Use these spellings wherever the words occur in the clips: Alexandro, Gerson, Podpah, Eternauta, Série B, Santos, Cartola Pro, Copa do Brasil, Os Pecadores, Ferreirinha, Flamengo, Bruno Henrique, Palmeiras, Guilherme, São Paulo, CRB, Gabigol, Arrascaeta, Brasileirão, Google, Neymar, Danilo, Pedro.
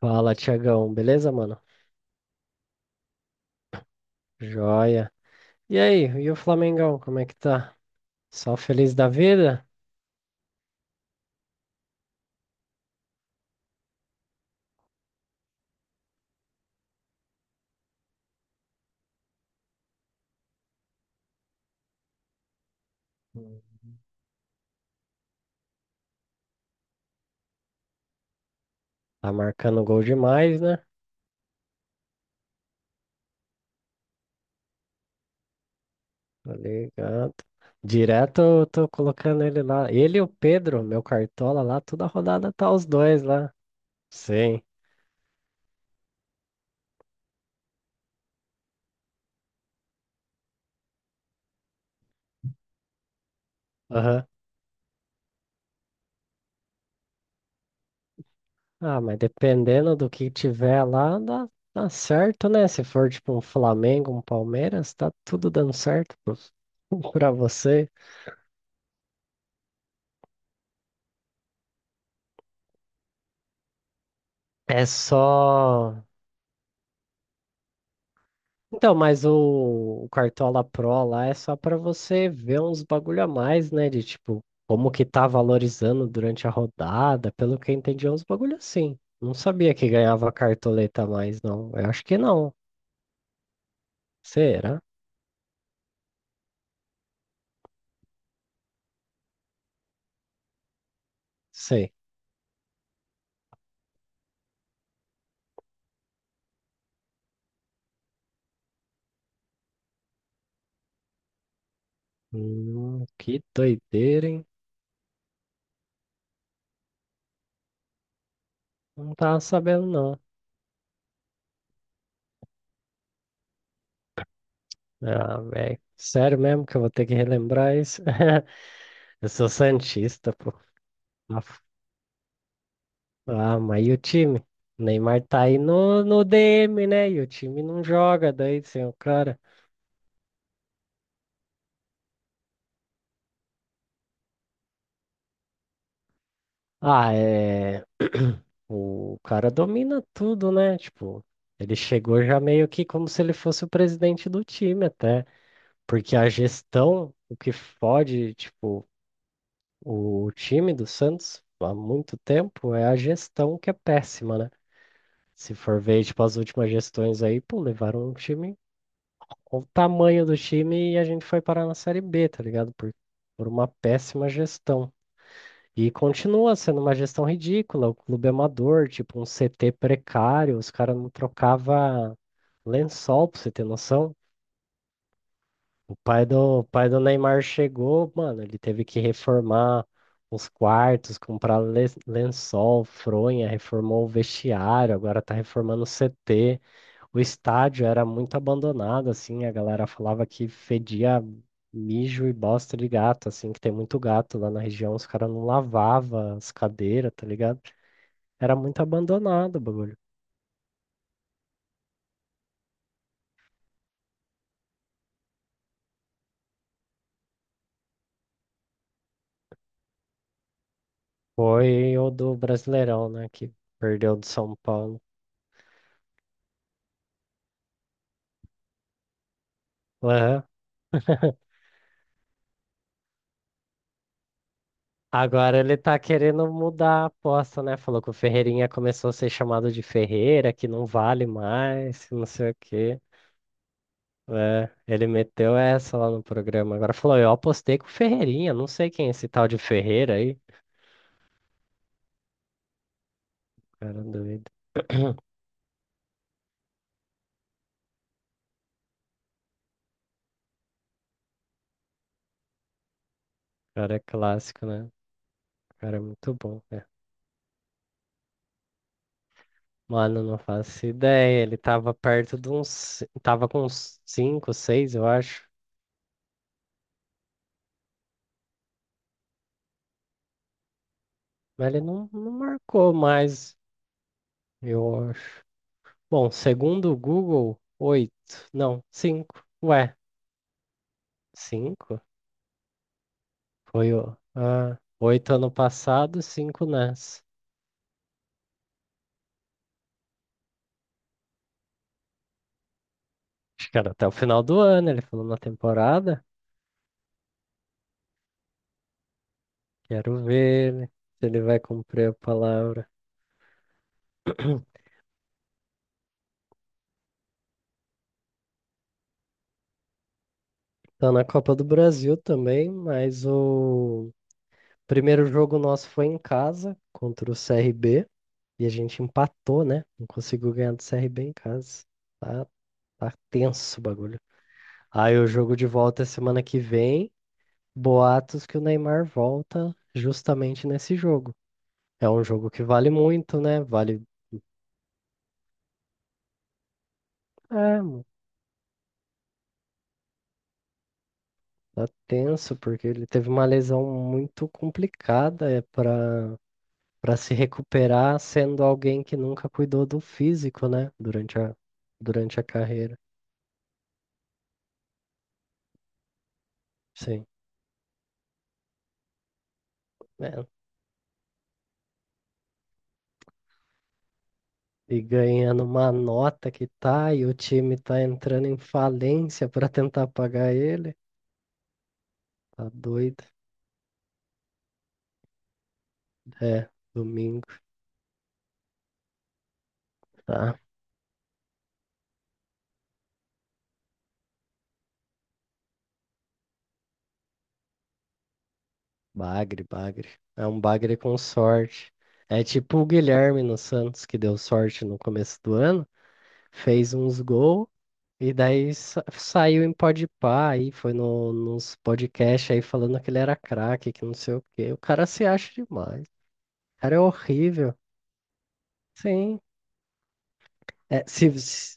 Fala, Tiagão, beleza, mano? Joia. E aí, e o Flamengão, como é que tá? Só feliz da vida? Hum. Tá marcando gol demais, né? Tá ligado. Direto eu tô colocando ele lá. Ele e o Pedro, meu cartola lá, toda rodada tá os dois lá. Sim. Aham. Ah, mas dependendo do que tiver lá, dá, dá certo, né? Se for tipo um Flamengo, um Palmeiras, tá tudo dando certo pro- pra você. É só. Então, mas o Cartola Pro lá é só para você ver uns bagulho a mais, né? De tipo, como que tá valorizando durante a rodada, pelo que eu entendi, é uns bagulho assim. Não sabia que ganhava cartoleta a mais, não. Eu acho que não. Será? Sei. Que doideira, hein? Não tava sabendo, não. Ah, velho. Sério mesmo que eu vou ter que relembrar isso? Eu sou santista, pô. Tá. Ah, mas e o time? O Neymar tá aí no DM, né? E o time não joga daí sem o cara. Ah, é. O cara domina tudo, né? Tipo, ele chegou já meio que como se ele fosse o presidente do time, até. Porque a gestão, o que fode, tipo, o time do Santos há muito tempo é a gestão que é péssima, né? Se for ver, tipo, as últimas gestões aí, pô, levaram um time. Olha o tamanho do time e a gente foi parar na Série B, tá ligado? Por uma péssima gestão. E continua sendo uma gestão ridícula, o clube é amador, tipo um CT precário, os caras não trocava lençol, pra você ter noção. O pai do Neymar chegou, mano, ele teve que reformar os quartos, comprar le- lençol, fronha, reformou o vestiário, agora tá reformando o CT. O estádio era muito abandonado, assim, a galera falava que fedia mijo e bosta de gato, assim, que tem muito gato lá na região, os caras não lavavam as cadeiras, tá ligado? Era muito abandonado o bagulho. Foi o do Brasileirão, né, que perdeu do São Paulo. Aham. Agora ele tá querendo mudar a aposta, né? Falou que o Ferreirinha começou a ser chamado de Ferreira, que não vale mais, que não sei o quê. É, ele meteu essa lá no programa. Agora falou, eu apostei com o Ferreirinha, não sei quem é esse tal de Ferreira aí. Cara doido. Cara é clássico, né? Cara é muito bom, né? Mano, não faço ideia. Ele tava perto de uns. Tava com uns 5, 6, eu acho. Mas ele não, não marcou mais, eu acho. Bom, segundo o Google, 8. Não, 5. Ué, 5. Foi o. Ah, 8 ano passado, 5 nessa. Acho que era até o final do ano, ele falou na temporada. Quero ver ele, se ele vai cumprir a palavra. Tá na Copa do Brasil também, mas o primeiro jogo nosso foi em casa contra o CRB e a gente empatou, né? Não conseguiu ganhar do CRB em casa. Tá, tá tenso o bagulho. Aí o jogo de volta é semana que vem. Boatos que o Neymar volta justamente nesse jogo. É um jogo que vale muito, né? Vale. É. Tá tenso, porque ele teve uma lesão muito complicada é para para se recuperar sendo alguém que nunca cuidou do físico, né? Durante a carreira. Sim. É. E ganhando uma nota que tá, e o time tá entrando em falência para tentar pagar ele. Tá doido? É, domingo, tá? Bagre, bagre. É um bagre com sorte. É tipo o Guilherme no Santos, que deu sorte no começo do ano, fez uns gols. E daí sa- saiu em Podpah aí, foi no, nos podcasts aí falando que ele era craque, que não sei o quê. O cara se acha demais. O cara é horrível. Sim. É, se, se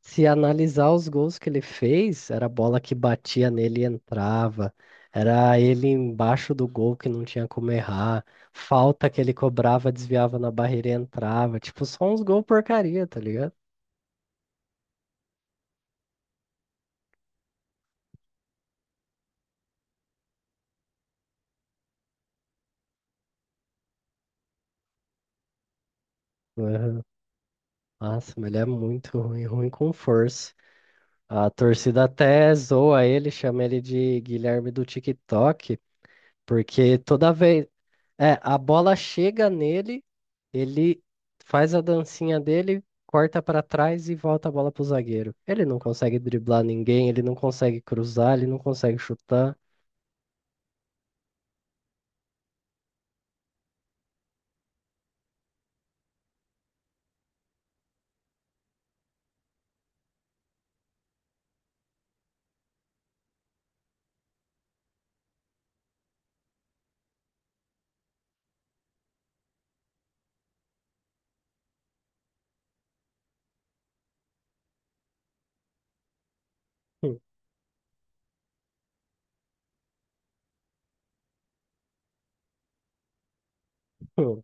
se analisar os gols que ele fez, era bola que batia nele e entrava. Era ele embaixo do gol que não tinha como errar. Falta que ele cobrava, desviava na barreira e entrava. Tipo, só uns gols porcaria, tá ligado? Uhum. Nossa, mas ele é muito ruim, ruim com força. A torcida até zoa ele, chama ele de Guilherme do TikTok, porque toda vez. É, a bola chega nele, ele faz a dancinha dele, corta pra trás e volta a bola pro zagueiro. Ele não consegue driblar ninguém, ele não consegue cruzar, ele não consegue chutar.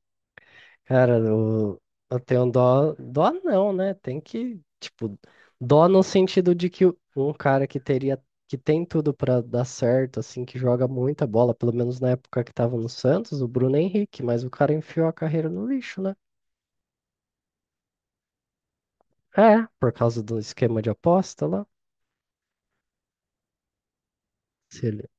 Cara, eu, eu tenho dó. Dó não, né? Tem que, tipo, dó no sentido de que um cara que teria, que tem tudo pra dar certo, assim, que joga muita bola, pelo menos na época que tava no Santos, o Bruno Henrique, mas o cara enfiou a carreira no lixo, né? É, por causa do esquema de aposta lá. Se ele...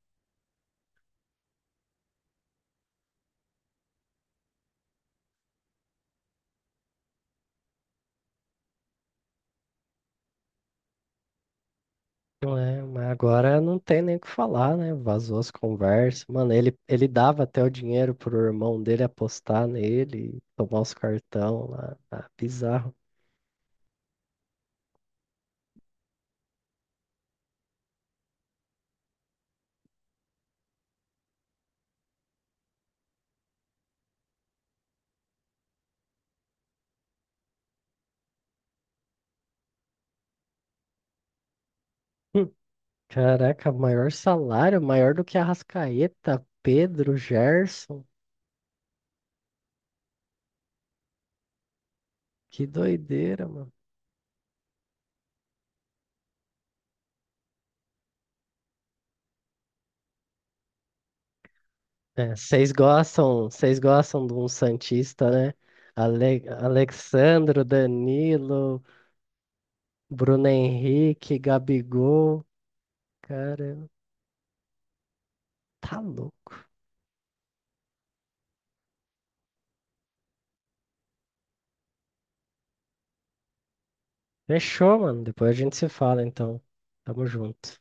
É, mas agora não tem nem o que falar, né? Vazou as conversas. Mano, ele dava até o dinheiro pro irmão dele apostar nele, tomar os cartão lá. Ah, bizarro. Hum. Caraca, maior salário, maior do que Arrascaeta, Pedro, Gerson. Que doideira, mano. É, vocês gostam de um Santista, né? Ale Alexandro, Danilo, Bruno Henrique, Gabigol. Caramba, tá louco. Fechou, mano. Depois a gente se fala, então. Tamo junto.